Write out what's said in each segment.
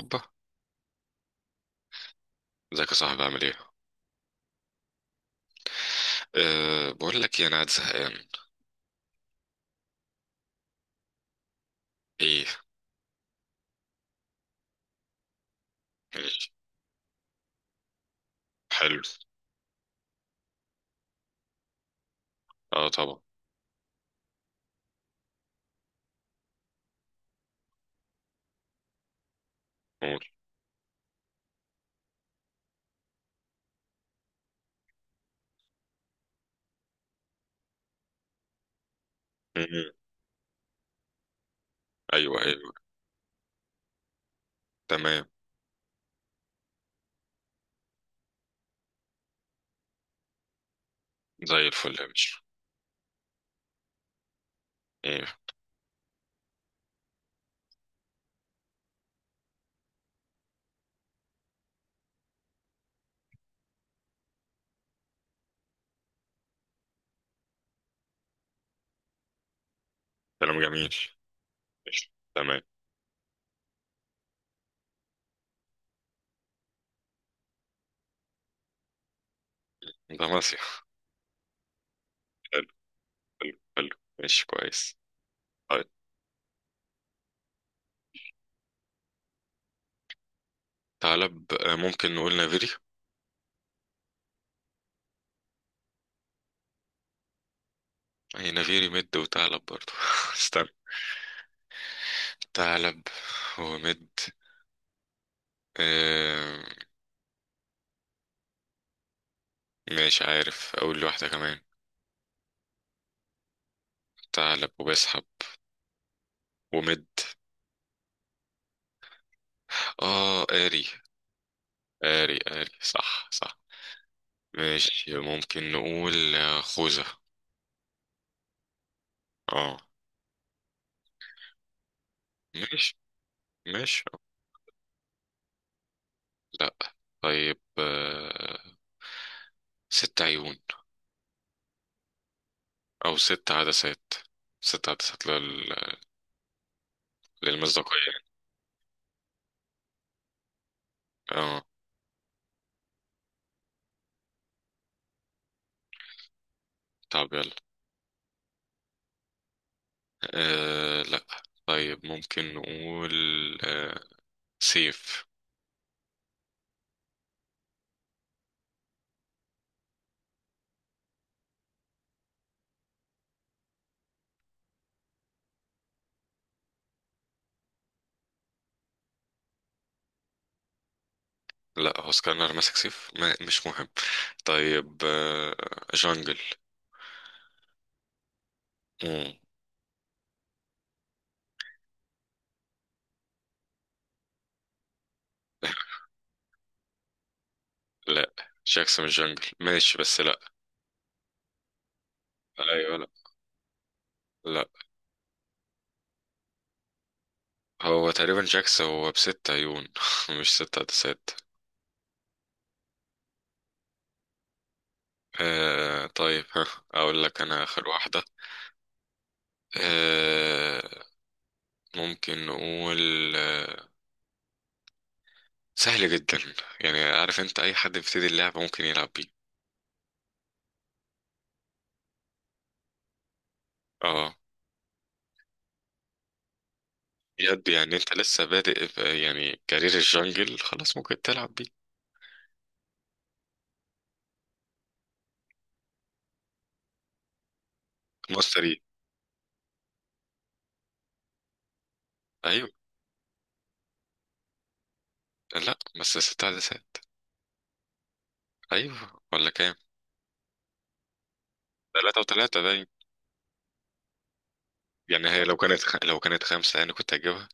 اوبا، ازيك يا صاحبي؟ عامل ايه؟ بقول لك ايه، انا قاعد زهقان. ايه؟ ماشي. حلو. اه، طبعا. قول. م- م. ايوه، ايوه. تمام. زي الفل يا باشا. ايه؟ كلام جميل. ماشي. تمام. ده مسيح. حلو. حلو، حلو. ماشي، كويس. طيب. ثعلب، ممكن نقول نافيري؟ هي نافيري مد وثعلب برضو استنى. ثعلب ومد. آه. مش عارف اقول واحدة كمان. ثعلب وبسحب ومد. اه قاري. آري، آري، صح، صح. ماشي، ممكن نقول خوذة. اه. ماشي، ماشي. لا. طيب، ست عيون، أو ست عدسات. ست عدسات للمصداقية. اه. طب يلا. لا. طيب، ممكن نقول آه سيف. لا، هو سكانر ماسك سيف، ما مش مهم. طيب، جانجل. مم. لا، جاكسون الجانجل ماشي، بس لا. ايوه، لا، لا. هو تقريبا جاكس هو بست عيون. مش ست عدسات. طيب، ها. اقول لك انا اخر واحدة. آه. ممكن نقول سهل جدا. يعني عارف انت، اي حد بيبتدي اللعبة ممكن يلعب بيه. اه، بجد، يعني انت لسه بادئ يعني كارير الجنجل، خلاص ممكن تلعب بيه. مصري. ايوه. لا بس ست عدسات. ايوه، ولا كام؟ ثلاثة وثلاثة باين. يعني هي لو كانت لو كانت خمسة يعني كنت هجيبها.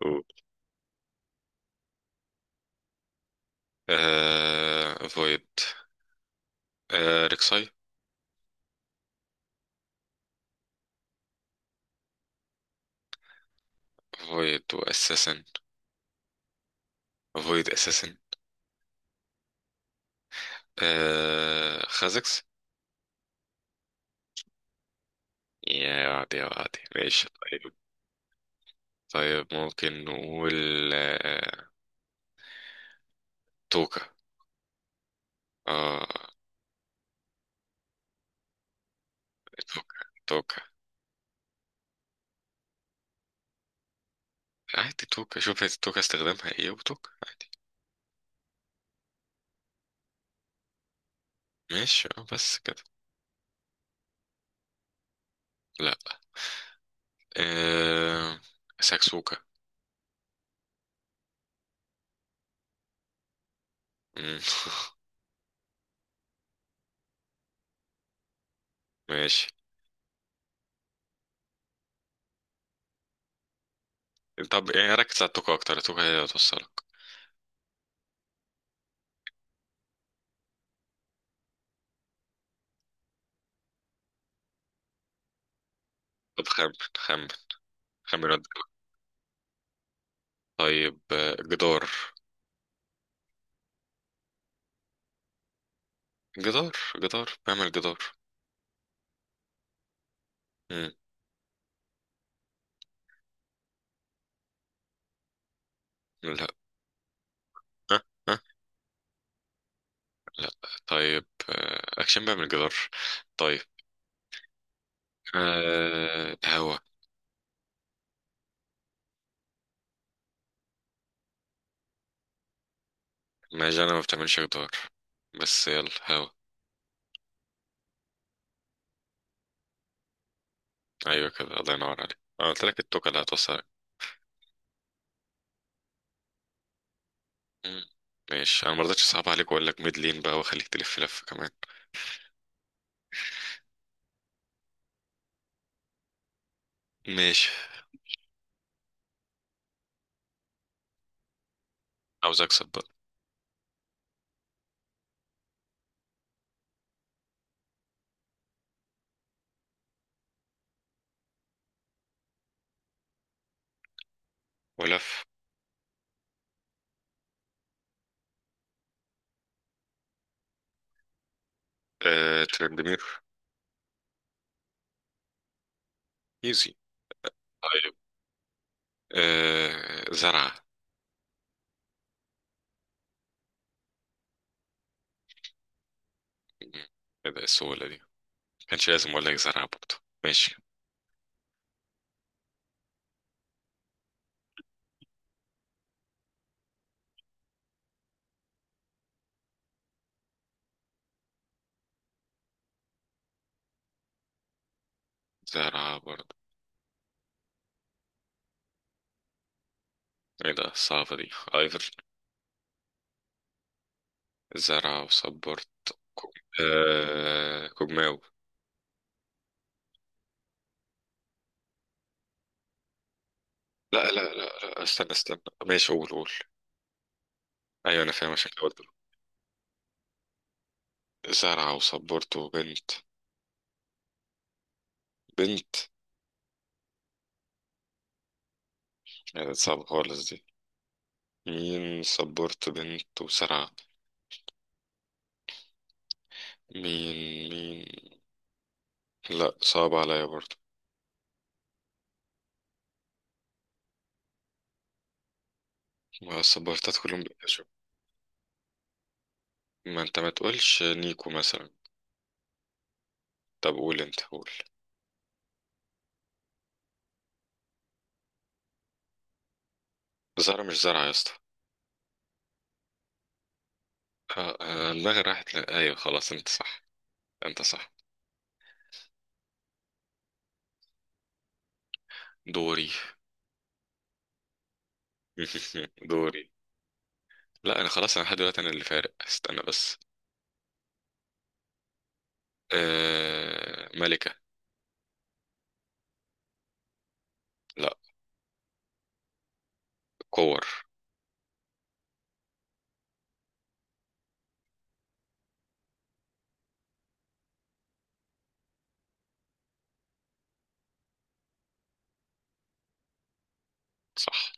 قول. فويد. ريكساي. فويد واساسن. فويد اساسن. خازكس. يا عادي، عادي، ماشي، طيب، طيب. ممكن نقول آه توكا. اه، توكا. توكا عادي، توكا شوف، هي توكا استخدامها ايه وتوكا عادي. ماشي، اه، بس كده. لا، آه ساكسوكا. مم. ماشي. طب يعني ركز على توكا اكتر، توكا هي اللي هتوصلك. طب خمن، خمن. خمن، رد. طيب، جدار. جدار، جدار بعمل جدار. مم. لا. أه. أه. لا. طيب، أكشن بعمل جدار. طيب. هوا. ماشي، أنا ما بتعملش جدار، بس يلا هوا. أيوة كده، الله ينور عليك، أنا قلت لك التوكة اللي هتوصلك. مم. ماشي، أنا مرضتش أصعب عليك وأقول لك ميد لين بقى وأخليك تلف لف كمان. ماشي. عاوز أكسب بقى. ولف. ترندمير. إيزي. طيب. زرعة. مم. إيه ده السهولة دي؟ كانش لازم أقول لك زرعة برضه. ماشي. زرعة برضه. ايه ده الصعبة دي ايفر؟ زرعة وصبرت. كوج... كوجماو. لا، لا، لا، لا، استنى، استنى. ماشي، قول، قول. ايوه، انا فاهم، عشان كده قلت له. زرعة وصبرت وبنت. بنت. ايه ده صعبة خالص دي؟ مين صبرت بنت وزرعة؟ مين، مين؟ لا، صعب عليا برضه. ما الصبرتات كلهم بيكشوا. ما انت ما تقولش نيكو مثلا. طب قول انت، قول. زرعة مش زرعة يا اسطى. دماغي راحت ايوه، خلاص، انت صح. انت صح. دوري؟ دوري. لا، انا خلاص، انا لحد دلوقتي انا اللي فارق، استنى بس. ملكة. لا. كور. صح.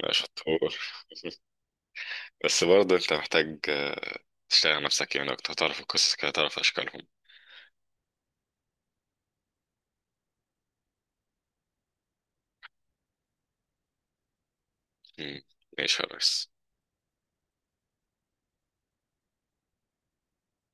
لا، شطور. بس برضه انت محتاج تشتغل على نفسك يعني اكتر، تعرف القصص كده، تعرف اشكالهم. مم. ماشي يا ريس.